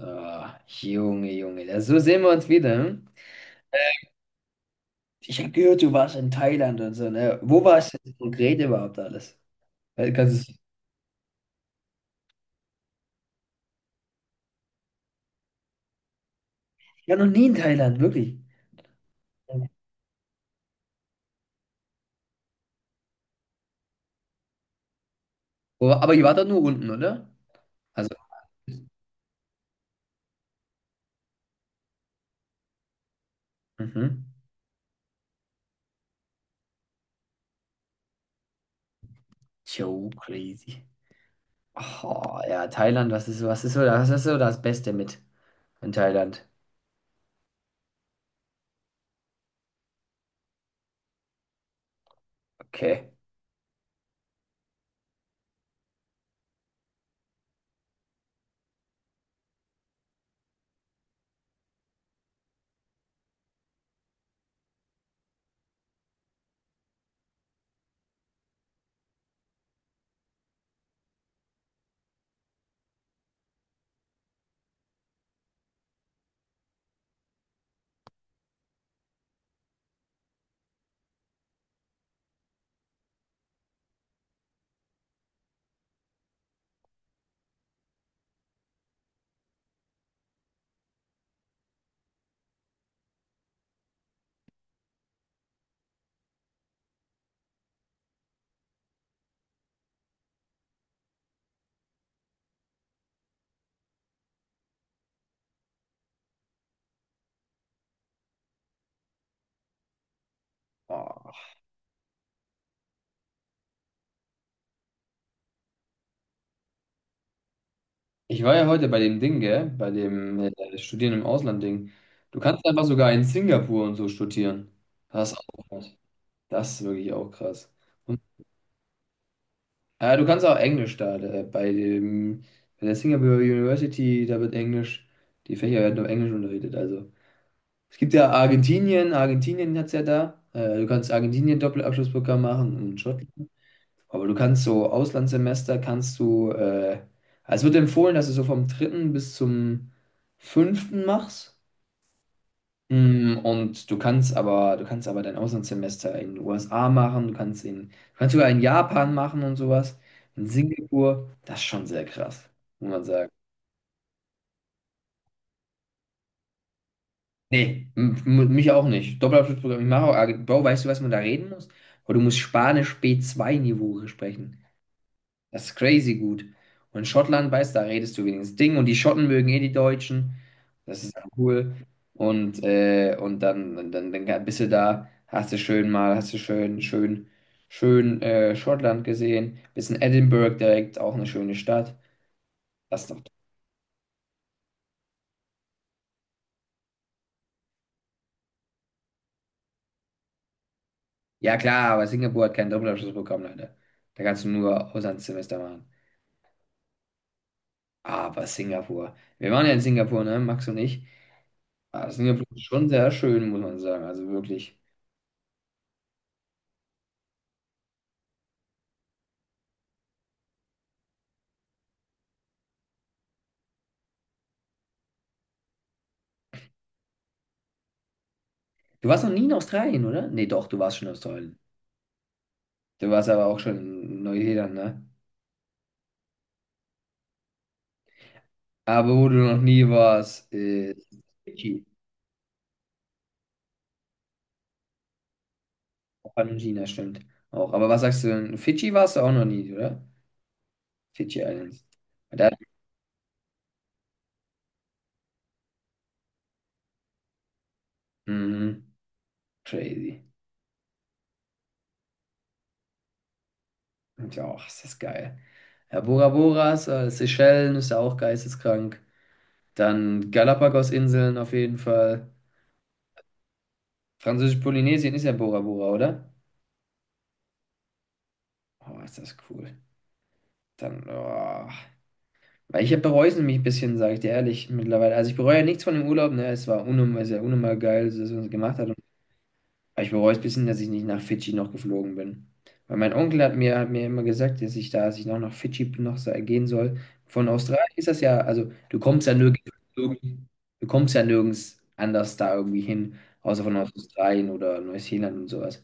Ah, Junge, Junge, da, so sehen wir uns wieder. Hm? Ich habe gehört, du warst in Thailand und so, ne? Wo warst du denn konkret überhaupt alles? Weil, kannst du. Ich war noch nie in Thailand, wirklich. Aber ihr wart doch nur unten, oder? Also, mhm. Yo, crazy. Oh, ja, Thailand, was ist so das Beste mit in Thailand? Okay. Oh. Ich war ja heute bei dem Ding, gell? Bei dem Studieren im Ausland-Ding. Du kannst einfach sogar in Singapur und so studieren. Das ist auch was. Das ist wirklich auch krass. Und, du kannst auch Englisch da, bei dem, bei der Singapore University, da wird Englisch, die Fächer werden auf Englisch unterrichtet. Also es gibt ja Argentinien, Argentinien hat es ja da. Du kannst Argentinien-Doppelabschlussprogramm machen und Schottland. Aber du kannst so Auslandssemester, kannst du, also es wird empfohlen, dass du so vom dritten bis zum fünften machst. Und du kannst aber dein Auslandssemester in den USA machen, du kannst in, du kannst sogar in Japan machen und sowas. In Singapur, das ist schon sehr krass, muss man sagen. Nee, mich auch nicht. Doppelabschlussprogramm, ich mache auch, ah, Bro, weißt du, was man da reden muss? Aber du musst Spanisch B2-Niveau sprechen. Das ist crazy gut. Und in Schottland, weißt du, da redest du wenigstens Ding und die Schotten mögen eh die Deutschen. Das ist cool. Und dann bist du da, hast du schön, schön, schön Schottland gesehen. Bist in Edinburgh direkt, auch eine schöne Stadt. Das ist doch. Ja, klar, aber Singapur hat keinen Doppelabschluss bekommen, leider. Da kannst du nur Auslandssemester machen. Aber Singapur. Wir waren ja in Singapur, ne, Max und ich. Ah, Singapur ist schon sehr schön, muss man sagen. Also wirklich. Du warst noch nie in Australien, oder? Nee, doch, du warst schon in Australien. Du warst aber auch schon in Neuseeland, ne? Aber wo du noch nie warst, ist Fidschi. Auch China, stimmt. Auch. Aber was sagst du denn? Fidschi warst du auch noch nie, oder? Fidschi Islands. Da, mhm, crazy. Und ja, och, ist das geil. Ja, Bora Boras, Seychellen ist ja auch geisteskrank. Dann Galapagos-Inseln auf jeden Fall. Französisch-Polynesien ist ja Bora Bora, oder? Oh, ist das cool. Dann, oh. Weil ich bereue es nämlich ein bisschen, sage ich dir ehrlich, mittlerweile. Also ich bereue ja nichts von dem Urlaub, ne? Es war unnormal, sehr unnormal geil, dass man es gemacht hat. Aber ich bereue es ein bisschen, dass ich nicht nach Fidschi noch geflogen bin. Weil mein Onkel hat mir immer gesagt, dass ich da, dass ich noch nach Fidschi noch gehen soll. Von Australien ist das ja, also du kommst ja nirgends, du kommst ja nirgends anders da irgendwie hin, außer von Australien oder Neuseeland und sowas.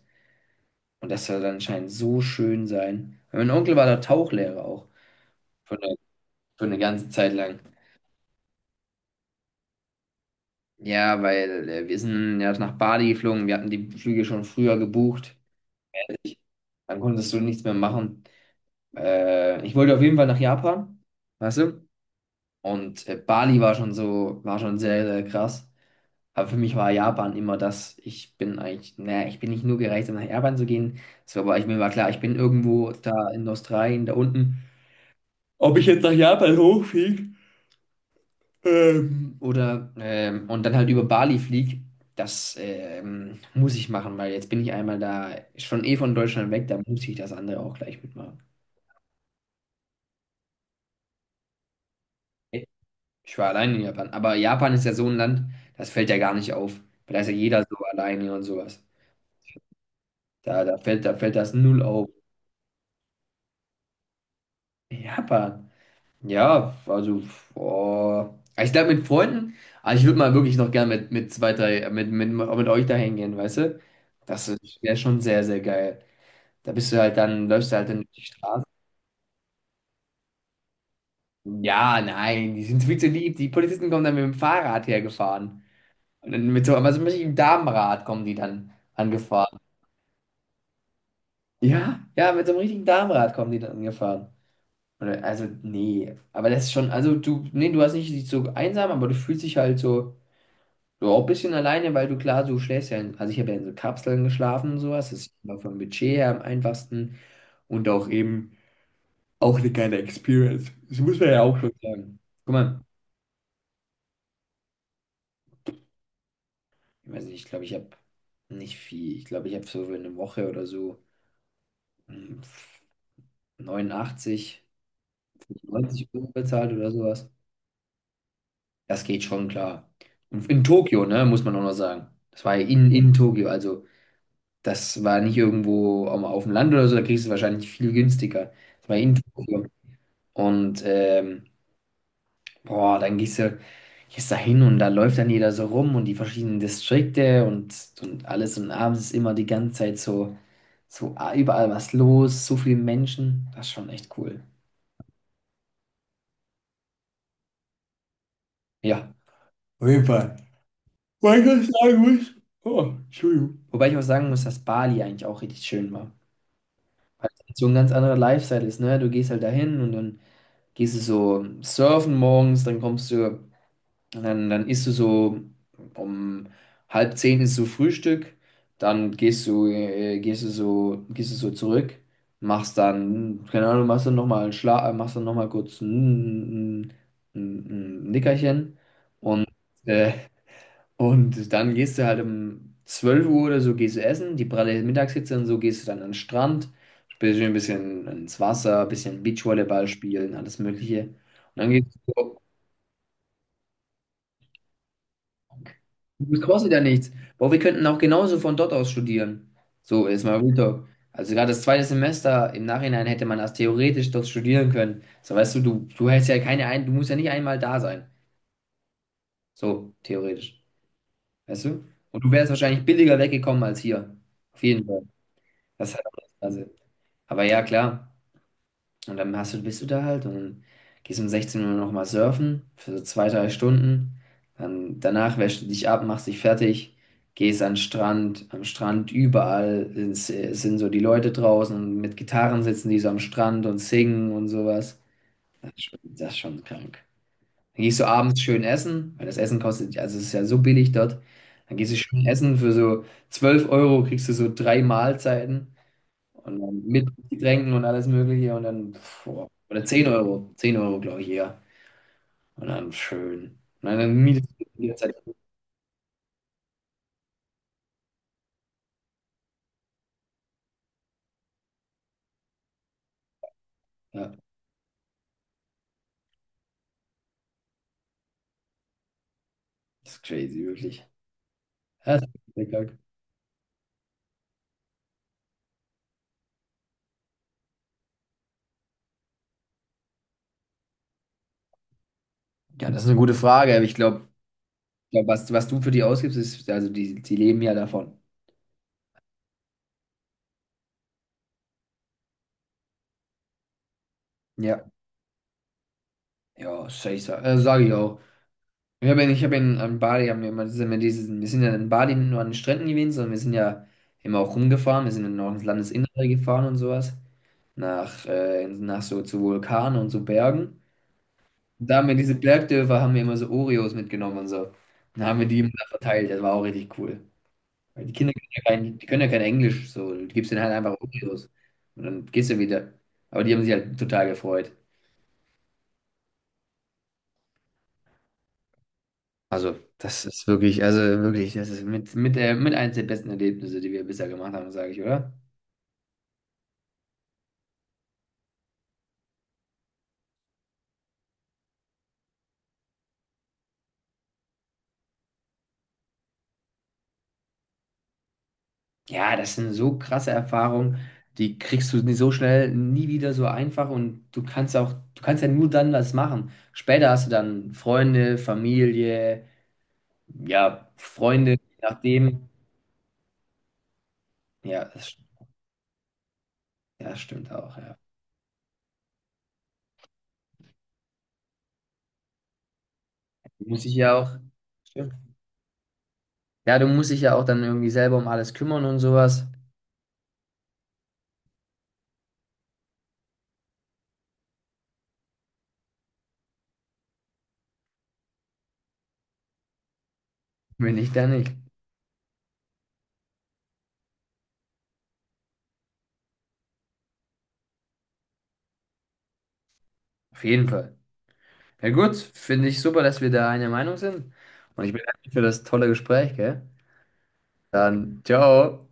Und das soll dann anscheinend so schön sein. Weil mein Onkel war da Tauchlehrer auch, für eine, für eine ganze Zeit lang. Ja, weil wir sind ja nach Bali geflogen, wir hatten die Flüge schon früher gebucht, dann konntest du nichts mehr machen. Ich wollte auf jeden Fall nach Japan, weißt du? Und Bali war schon so, war schon sehr, sehr krass. Aber für mich war Japan immer das, ich bin eigentlich, naja, ich bin nicht nur gereist, um nach Japan zu gehen. So, aber ich, mir war klar, ich bin irgendwo da in Australien, da unten. Ob ich jetzt nach Japan hochfliege? Oder und dann halt über Bali flieg. Das muss ich machen, weil jetzt bin ich einmal da, schon eh von Deutschland weg, da muss ich das andere auch gleich mitmachen. Ich war allein in Japan, aber Japan ist ja so ein Land, das fällt ja gar nicht auf. Da ist ja jeder so alleine und sowas. Da fällt das null auf. Japan. Ja, also, boah. Ich glaube mit Freunden, aber ich würde mal wirklich noch gern mit zwei, drei, mit euch da hingehen, weißt du? Das wäre schon sehr, sehr geil. Da bist du halt dann, läufst du halt dann durch die Straße. Ja, nein, die sind viel zu lieb. Die Polizisten kommen dann mit dem Fahrrad hergefahren. Und dann mit so, aber so einem richtigen Damenrad kommen die dann angefahren. Ja, ja, mit so einem richtigen Damenrad kommen die dann angefahren. Oder, also, nee. Aber das ist schon, also du, nee, du hast nicht dich so einsam, aber du fühlst dich halt so auch ein bisschen alleine, weil du klar, du schläfst ja in, also ich habe ja in so Kapseln geschlafen und sowas. Das ist immer vom Budget her am einfachsten und auch eben auch eine geile Experience. Das muss man ja auch schon sagen. Guck mal. Ich weiß nicht, ich glaube, ich habe nicht viel. Ich glaube, ich habe so für eine Woche oder so mm, 89, 90 Euro bezahlt oder sowas. Das geht schon klar. Und in Tokio, ne, muss man auch noch sagen. Das war ja in Tokio, also das war nicht irgendwo auf dem Land oder so, da kriegst du es wahrscheinlich viel günstiger. Das war in Tokio. Und boah, dann gehst du, gehst da hin und da läuft dann jeder so rum und die verschiedenen Distrikte und, alles und abends ist immer die ganze Zeit so, so überall was los, so viele Menschen. Das ist schon echt cool. Ja. Auf jeden Fall. Weil ich was sagen muss. Oh, Entschuldigung. Wobei ich auch sagen muss, dass Bali eigentlich auch richtig schön war. Weil es halt so ein ganz anderer Lifestyle ist, ne? Du gehst halt dahin und dann gehst du so surfen morgens, dann kommst du. Und dann isst du so um halb zehn ist so Frühstück, dann gehst du so zurück, machst dann, keine Ahnung, machst dann noch mal kurz ein Nickerchen und, äh, und dann gehst du halt um 12 Uhr oder so, gehst du essen, die pralle Mittagshitze und so, gehst du dann an den Strand, spielst du ein bisschen ins Wasser, ein bisschen Beachvolleyball spielen, alles Mögliche. Und dann gehst du so. Das kostet ja nichts. Boah, wir könnten auch genauso von dort aus studieren. So, ist mal Real Talk. Also gerade das zweite Semester, im Nachhinein hätte man das theoretisch dort studieren können. So, weißt du, du hättest ja keine ein, du musst ja nicht einmal da sein. So, theoretisch. Weißt du? Und du wärst wahrscheinlich billiger weggekommen als hier. Auf jeden Fall. Das ist halt auch das Krasse. Aber ja, klar. Und dann hast du, bist du da halt und gehst um 16 Uhr nochmal surfen für so zwei, drei Stunden. Dann danach wäschst du dich ab, machst dich fertig, gehst an den Strand. Am Strand überall sind so die Leute draußen und mit Gitarren sitzen die so am Strand und singen und sowas. Das ist schon krank. Dann gehst du abends schön essen, weil das Essen kostet, ja, also es ist ja so billig dort. Dann gehst du schön essen für so 12 Euro, kriegst du so drei Mahlzeiten. Und dann mit Getränken und alles Mögliche und dann, pf, boah, oder 10 Euro, 10 Euro, glaube ich, eher. Und dann schön. Und dann mietest du die ganze Zeit. Ja, das ist crazy, wirklich. Ja, das ist lecker. Ja, das ist eine gute Frage, aber ich glaube, glaub, glaub, was du für die ausgibst, ist, also die leben ja davon. Ja, ja, safe, sag ich auch. Ich hab ja in, an Bali, haben wir immer, das immer dieses, wir sind ja in Bali nicht nur an den Stränden gewesen, sondern wir sind ja immer auch rumgefahren, wir sind dann auch ins Landesinnere gefahren und sowas. Nach so zu Vulkanen und so Bergen. Und da haben wir diese Bergdörfer, haben wir immer so Oreos mitgenommen und so. Und dann haben wir die immer da verteilt. Das war auch richtig cool. Weil die Kinder können ja kein, die können ja kein Englisch, so. Du gibst denen halt einfach Oreos. Und dann gehst du wieder. Aber die haben sich halt total gefreut. Also, das ist wirklich, also wirklich, das ist mit eins der besten Erlebnisse, die wir bisher gemacht haben, sage ich, oder? Ja, das sind so krasse Erfahrungen, die kriegst du nie so schnell nie wieder so einfach und du kannst auch, du kannst ja nur dann was machen. Später hast du dann Freunde, Familie, ja, Freunde, je nachdem. Ja, das, ja, stimmt auch, ja. Du musst dich ja auch, stimmt. Ja, du musst dich ja auch dann irgendwie selber um alles kümmern und sowas. Wenn nicht, dann nicht. Auf jeden Fall. Ja, gut, finde ich super, dass wir da einer Meinung sind. Und ich bedanke mich für das tolle Gespräch, gell? Dann, ciao.